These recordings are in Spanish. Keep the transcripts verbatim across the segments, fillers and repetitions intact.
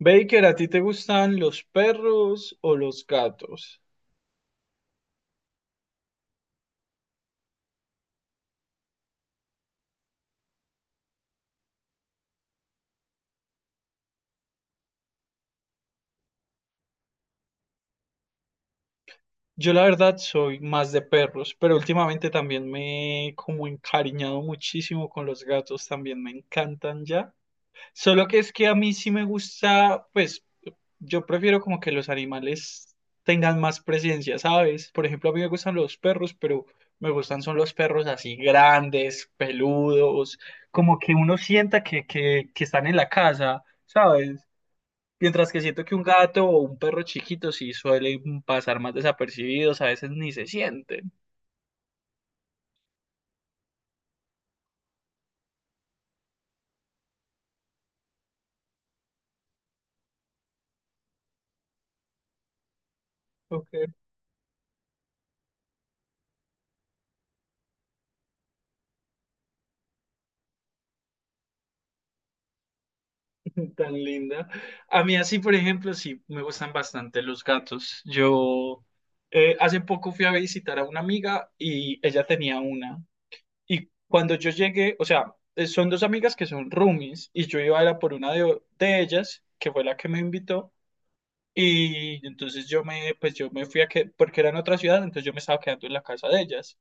Baker, ¿a ti te gustan los perros o los gatos? Yo la verdad soy más de perros, pero últimamente también me he como encariñado muchísimo con los gatos, también me encantan ya. Solo que es que a mí sí me gusta, pues yo prefiero como que los animales tengan más presencia, ¿sabes? Por ejemplo, a mí me gustan los perros, pero me gustan son los perros así grandes, peludos, como que uno sienta que, que, que están en la casa, ¿sabes? Mientras que siento que un gato o un perro chiquito sí suelen pasar más desapercibidos, a veces ni se sienten. Ok, tan linda. A mí así, por ejemplo, sí me gustan bastante los gatos. Yo eh, hace poco fui a visitar a una amiga y ella tenía una. Y cuando yo llegué, o sea, eh, son dos amigas que son roomies y yo iba a ir a por una de, de ellas, que fue la que me invitó. Y entonces yo me, pues yo me fui a que, porque era en otra ciudad, entonces yo me estaba quedando en la casa de ellas.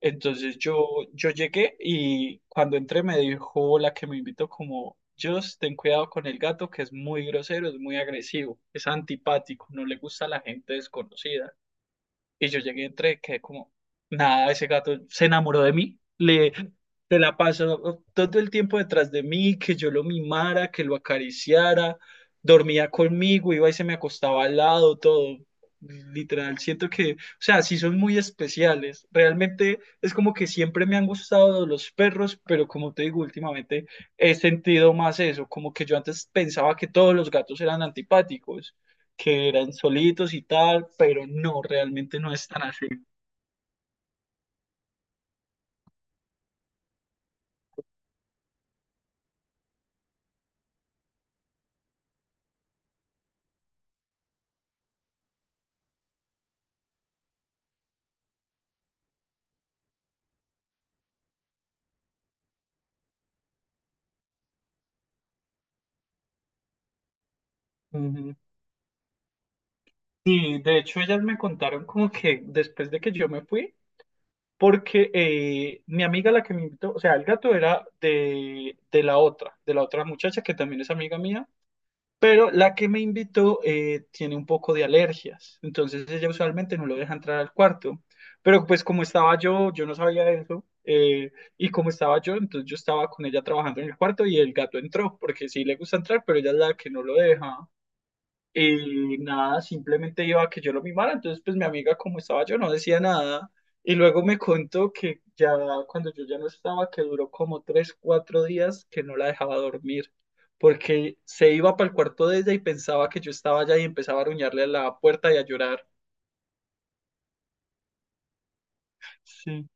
Entonces yo, yo llegué y cuando entré me dijo la que me invitó como, Just, ten cuidado con el gato que es muy grosero, es muy agresivo, es antipático, no le gusta a la gente desconocida. Y yo llegué, entré, quedé como, nada, ese gato se enamoró de mí, le, se la pasó todo el tiempo detrás de mí, que yo lo mimara, que lo acariciara, dormía conmigo, iba y se me acostaba al lado, todo. Literal, siento que, o sea, sí son muy especiales. Realmente es como que siempre me han gustado los perros, pero como te digo, últimamente he sentido más eso, como que yo antes pensaba que todos los gatos eran antipáticos que eran solitos y tal, pero no, realmente no es tan así. Ujú. Y de hecho ellas me contaron como que después de que yo me fui, porque eh, mi amiga la que me invitó, o sea, el gato era de, de la otra, de la otra muchacha que también es amiga mía. Pero la que me invitó eh, tiene un poco de alergias, entonces ella usualmente no lo deja entrar al cuarto. Pero pues como estaba yo, yo no sabía eso, eh, y como estaba yo, entonces yo estaba con ella trabajando en el cuarto y el gato entró, porque sí le gusta entrar, pero ella es la que no lo deja. Y nada, simplemente iba a que yo lo mimara. Entonces, pues mi amiga, como estaba yo, no decía nada. Y luego me contó que ya cuando yo ya no estaba, que duró como tres, cuatro días que no la dejaba dormir. Porque se iba para el cuarto de ella y pensaba que yo estaba allá y empezaba a ruñarle a la puerta y a llorar. Sí.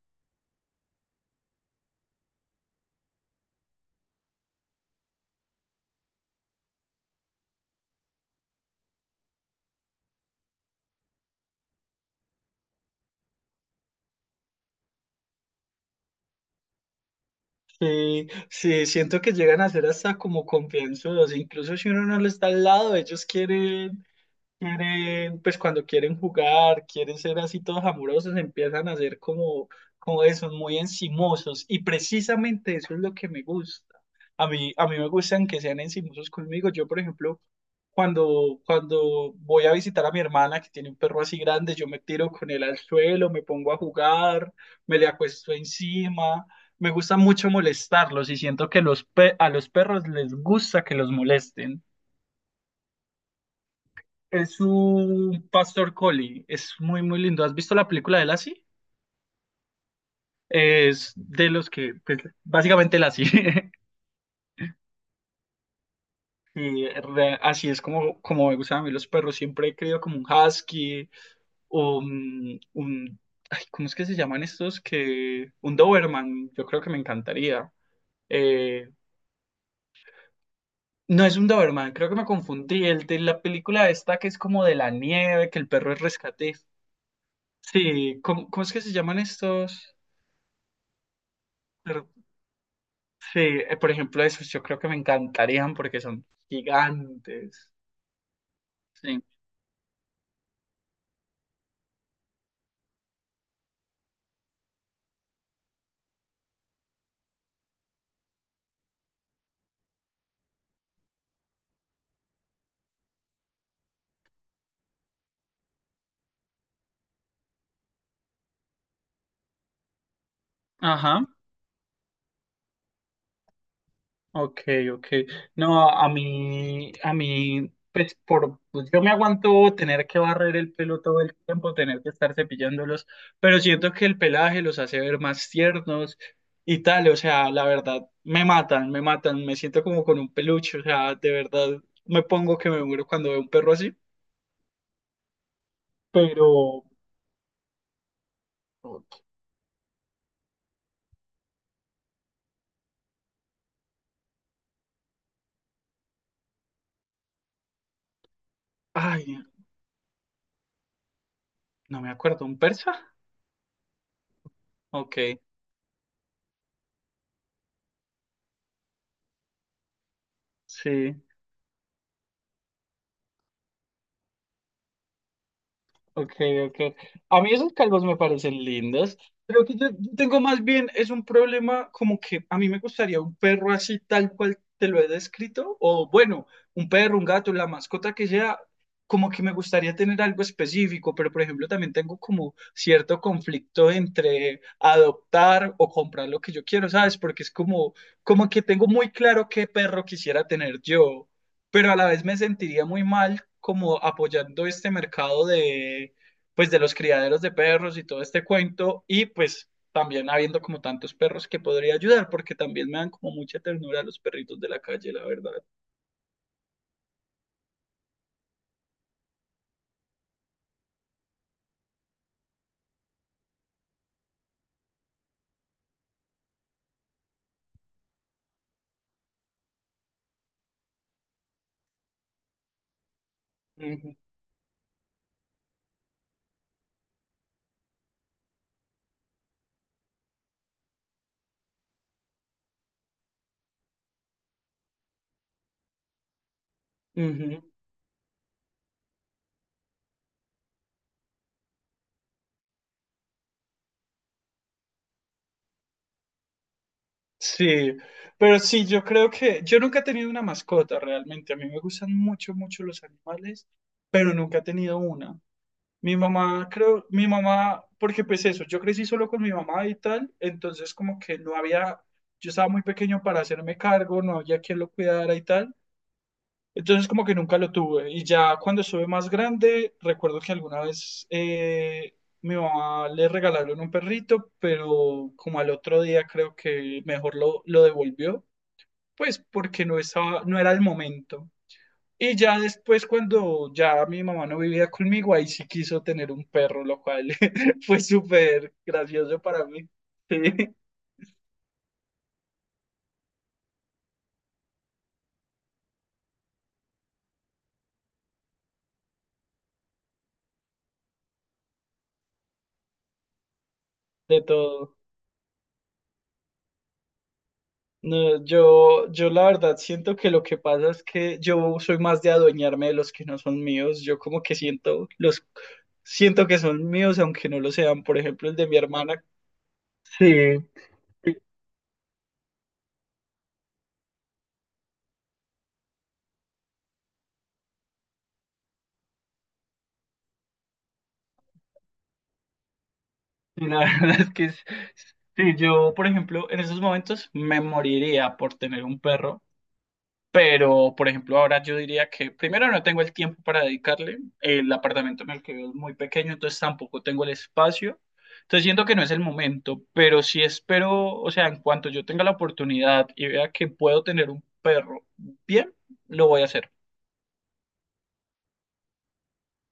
Sí, sí, siento que llegan a ser hasta como confianzudos, incluso si uno no le está al lado, ellos quieren quieren, pues cuando quieren jugar, quieren ser así todos amorosos, empiezan a ser como, como esos, muy encimosos. Y precisamente eso es lo que me gusta. A mí, a mí me gustan que sean encimosos conmigo. Yo, por ejemplo, cuando, cuando voy a visitar a mi hermana que tiene un perro así grande, yo me tiro con él al suelo, me pongo a jugar, me le acuesto encima. Me gusta mucho molestarlos y siento que los pe- a los perros les gusta que los molesten. Es un pastor collie, es muy, muy lindo. ¿Has visto la película de Lassie? Es de los que, pues, básicamente Lassie. Y re- así es como, como me gustan a mí los perros. Siempre he querido como un husky o un, un- ay, ¿cómo es que se llaman estos? Que, un Doberman, yo creo que me encantaría. Eh, no es un Doberman, creo que me confundí. El de la película esta que es como de la nieve, que el perro es rescate. Sí, ¿cómo, ¿cómo es que se llaman estos? Sí, eh, por ejemplo, esos yo creo que me encantarían porque son gigantes. Sí. Ajá. Ok, ok. No, a mí, a mí, pues por, pues, yo me aguanto tener que barrer el pelo todo el tiempo, tener que estar cepillándolos, pero siento que el pelaje los hace ver más tiernos y tal, o sea, la verdad, me matan, me matan, me siento como con un peluche, o sea, de verdad, me pongo que me muero cuando veo un perro así, pero, ay, no me acuerdo, ¿un persa? Ok, sí, ok, ok. A mí esos calvos me parecen lindos. Creo que yo yo tengo más bien, es un problema como que a mí me gustaría un perro así tal cual te lo he descrito, o bueno, un perro, un gato, la mascota que sea, como que me gustaría tener algo específico, pero por ejemplo también tengo como cierto conflicto entre adoptar o comprar lo que yo quiero, ¿sabes? Porque es como, como que tengo muy claro qué perro quisiera tener yo. Pero a la vez me sentiría muy mal como apoyando este mercado de, pues, de los criaderos de perros y todo este cuento, y pues también habiendo como tantos perros que podría ayudar, porque también me dan como mucha ternura los perritos de la calle, la verdad. Ujú, ujú. Sí, pero sí, yo creo que yo nunca he tenido una mascota realmente. A mí me gustan mucho, mucho los animales, pero nunca he tenido una. Mi mamá, creo, mi mamá, porque pues eso, yo crecí solo con mi mamá y tal, entonces como que no había, yo estaba muy pequeño para hacerme cargo, no había quien lo cuidara y tal, entonces como que nunca lo tuve. Y ya cuando estuve más grande, recuerdo que alguna vez eh, mi mamá le regalaron un perrito, pero como al otro día creo que mejor lo, lo devolvió, pues porque no estaba, no era el momento. Y ya después, cuando ya mi mamá no vivía conmigo, ahí sí quiso tener un perro, lo cual fue súper gracioso para mí. Sí, de todo. No, yo, yo la verdad siento que lo que pasa es que yo soy más de adueñarme de los que no son míos. Yo como que siento los siento que son míos aunque no lo sean. Por ejemplo, el de mi hermana. Sí, sí, sí, la verdad es que es- sí, yo, por ejemplo, en esos momentos me moriría por tener un perro. Pero, por ejemplo, ahora yo diría que primero no tengo el tiempo para dedicarle. El apartamento en el que vivo es muy pequeño, entonces tampoco tengo el espacio. Entonces siento que no es el momento, pero sí espero, o sea, en cuanto yo tenga la oportunidad y vea que puedo tener un perro bien, lo voy a hacer.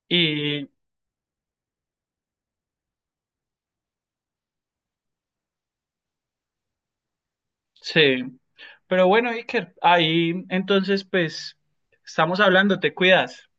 Y sí, pero bueno, Iker, ahí entonces pues estamos hablando, te cuidas.